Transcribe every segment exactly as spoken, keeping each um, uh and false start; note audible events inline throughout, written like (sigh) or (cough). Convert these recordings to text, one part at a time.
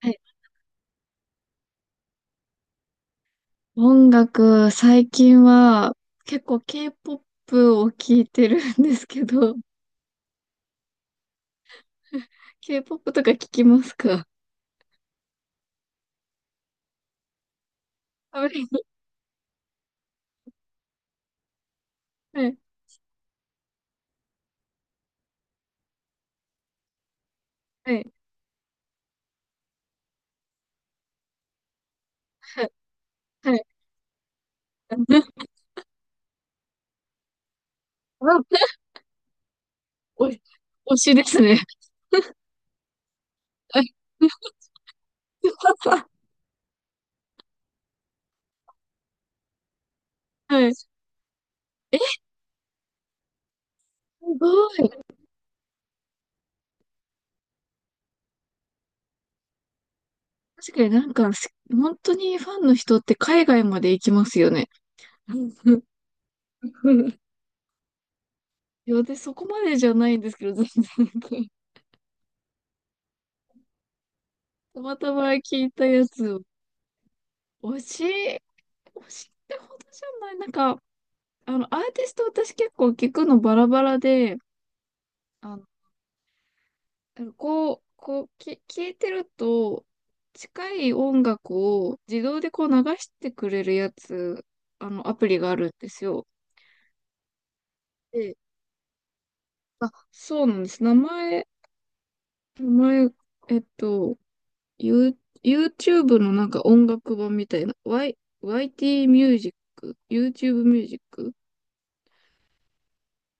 はい、音楽、最近は結構 K-ポップ を聞いてるんですけど、(laughs) K-ポップ とか聞きますか？はい、はい、はい、はい。はい、お (laughs) 推しですね。はい。はい、すごい。確かになんか、す本当にファンの人って海外まで行きますよね。うん。いや、で、そこまでじゃないんですけど、全然。たまたま聞いたやつを、推し推しってほどじゃない。なんか、あの、アーティスト私結構聞くのバラバラで、あの、こう、こう、き、聞いてると、近い音楽を自動でこう流してくれるやつ、あの、アプリがあるんですよ。で、あ、そうなんです。名前、名前、えっと、You、YouTube のなんか音楽版みたいな、Y、ワイティー ミュージック、YouTube ミュージック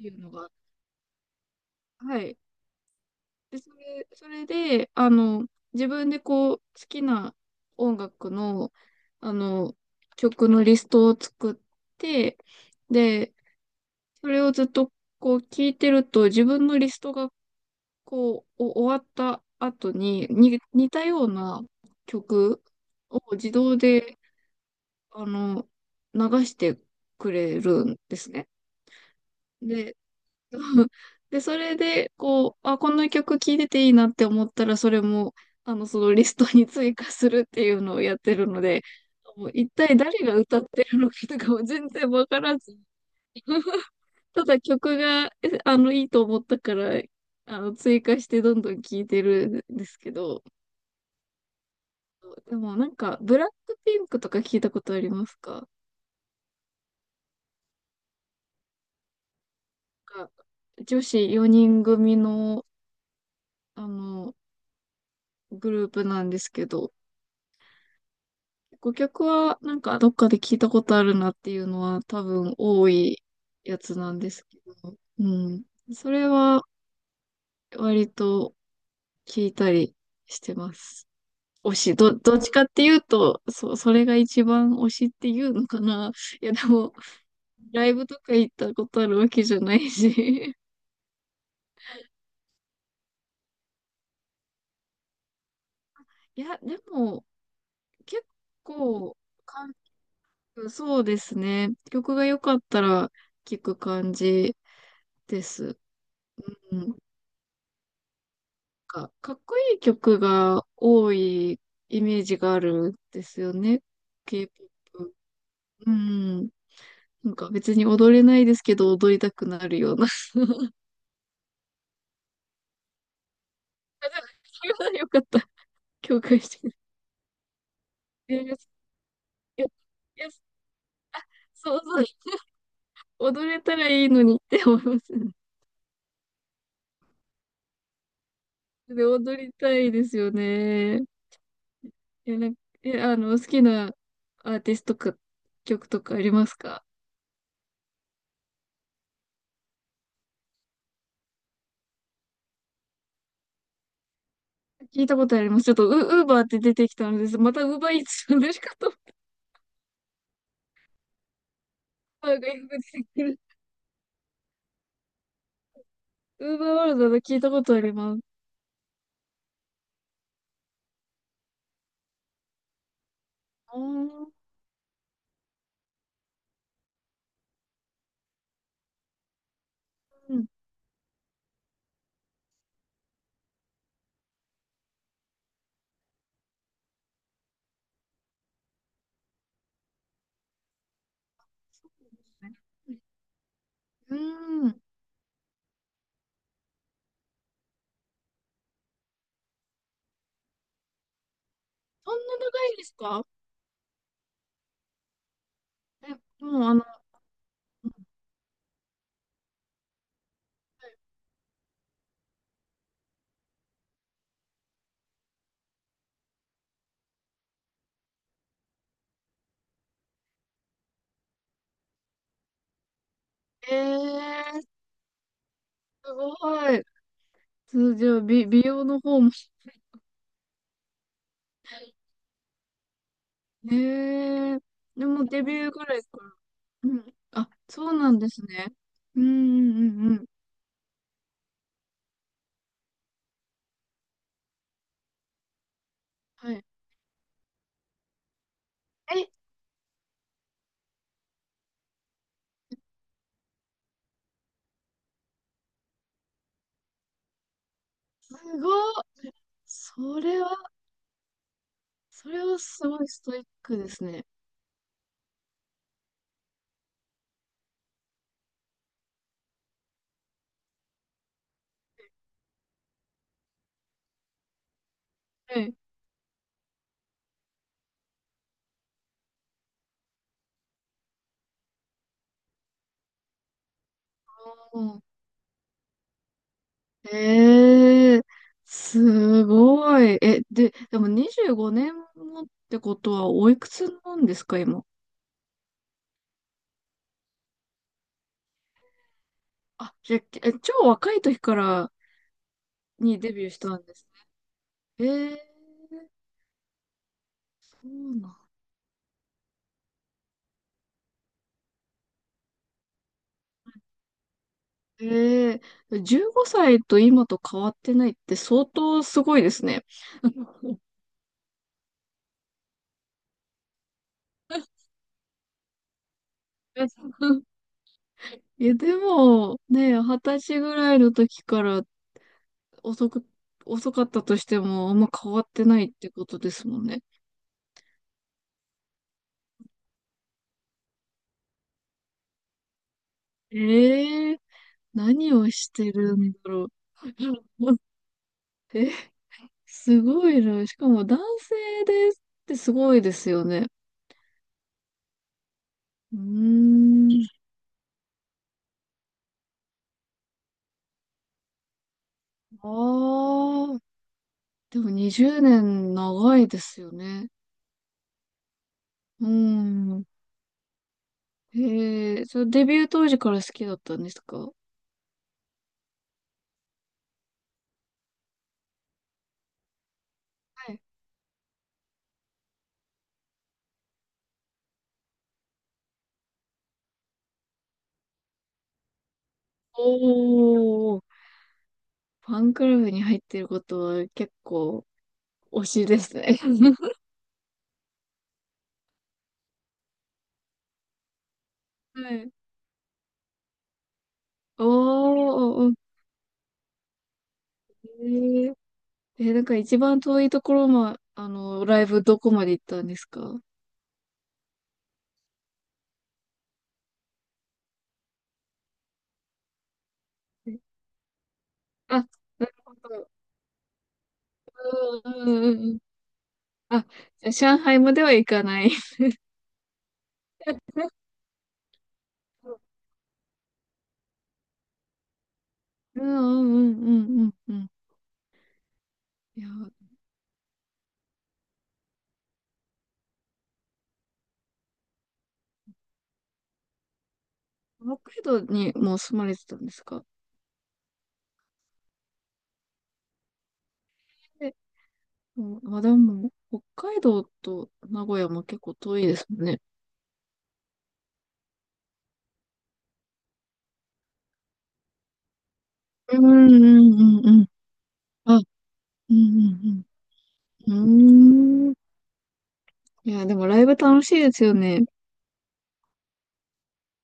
っていうのが、はい。で、それ、それで、あの、自分でこう、好きな音楽の、あの、曲のリストを作って、で、それをずっとこう聞いてると、自分のリストがこう、お終わった後に、に、似たような曲を自動で、あの、流してくれるんですね。でそうで、それで、こう、あ、この曲聴いてていいなって思ったら、それも、あの、そのリストに追加するっていうのをやってるので、もう一体誰が歌ってるのかとかも全然わからず、(laughs) ただ曲が、えあの、いいと思ったから、あの、追加してどんどん聴いてるんですけど、でもなんか、ブラックピンクとか聞いたことありますか？なんか女子よにん組の、あの、グループなんですけど、ご曲はなんかどっかで聞いたことあるなっていうのは多分多いやつなんですけど、うん。それは割と聞いたりしてます。推し、ど、どっちかっていうと、そ、それが一番推しっていうのかな。いやでも、ライブとか行ったことあるわけじゃないし。(laughs) いや、でも結構、韓国そうですね。曲が良かったら聞く感じです。うん。か、かっこいい曲が多いイメージがあるんですよね。K-ポップ。うん。なんか別に踊れないですけど、踊りたくなるような。(laughs) あ、でもそれはよかった。共感してくれて。いや、いや、いや、そうそう。踊れたらいいのにって思いますね。で、踊りたいですよね。いや、なんか、え、あの、好きなアーティストとか、曲とかありますか？聞いたことあります。ちょっとウ、ウーバーって出てきたのです。またウーバーイーツなんですかと、あ、外国出てくる。ウーバーワールドで聞いたことあります。あー、うん。そうなんですね、うん。そんな長いんですか？え、もうあの、えー、すごい。通常、美、美容の方も。えー、でもデビューぐらいから。うん。あ、そうなんですね。うんうんうんうん。はい。え、すごい。それは、それはすごいストイックですね。はい。ええ、すごい。え、で、でもにじゅうごねんもってことはおいくつなんですか、今。あ、じゃあ、え、超若い時からにデビューしたんですね。ええ、そうなん。ええ、じゅうごさいと今と変わってないって相当すごいですね。(laughs) いや、でも、ね、はたちぐらいの時から遅く、遅かったとしても、あんま変わってないってことですもんね。ええ、何をしてるんだろう。(laughs) え、すごいな。しかも男性ですってすごいですよね。うーん。ああ。でもにじゅうねん長いですよね。うーん。ええ、それデビュー当時から好きだったんですか？はい。おー。ファンクラブに入っていることは結構推しですね。(laughs) はい。(laughs) おー。おー、おー、え、なんか一番遠いところ、ま、あの、ライブどこまで行ったんですか？えあ、なるほど。うんうんうんうん。あ、じゃあ上海までは行かない。(laughs) うんうんうんうんうんうん。いや、北海道にもう住まれてたんですか？で、うん、まあでも、北海道と名古屋も結構遠いですもんね。うんうんうんうん。あ、うんうんうん。うーん。いや、でもライブ楽しいですよね。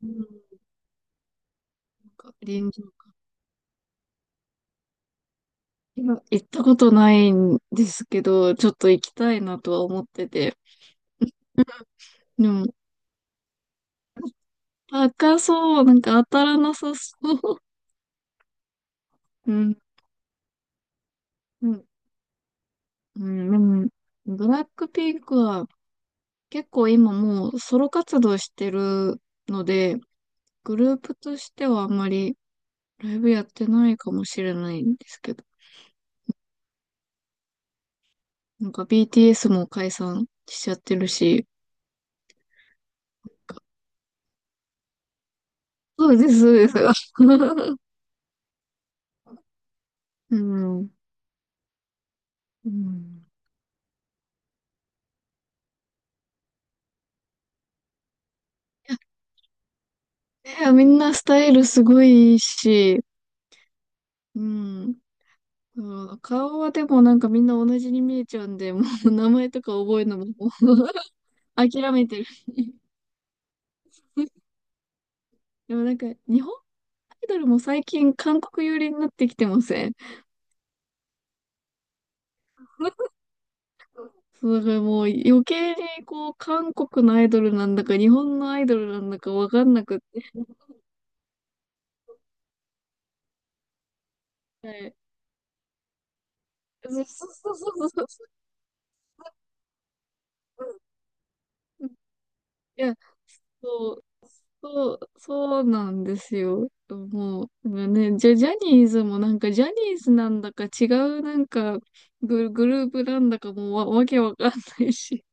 うん。なんか臨場感。いや、行ったことないんですけど、ちょっと行きたいなとは思ってて。でも、高そう、なんか当たらなさそう。うん、うん、うん、でも、ブラックピンクは結構今もうソロ活動してるので、グループとしてはあんまりライブやってないかもしれないんですけど、なんか ビーティーエス も解散しちゃってるし、そうです、そうです。(laughs) うん、うん、いや、みんなスタイルすごいいいし、うん。うん、顔はでもなんかみんな同じに見えちゃうんで、もう (laughs) 名前とか覚えるのももう (laughs) 諦めてる。でもなんか日本アイドルも最近韓国寄りになってきてません？そう、(laughs) だからもう余計にこう韓国のアイドルなんだか日本のアイドルなんだかわかんなくって。はい、そうそうそうそうそう。いや、そう、そう、そうなんですよ。もう、なんかね、じゃ、ジャニーズもなんかジャニーズなんだか違うなんかグ、グループなんだかもうわ、わけわかんないし。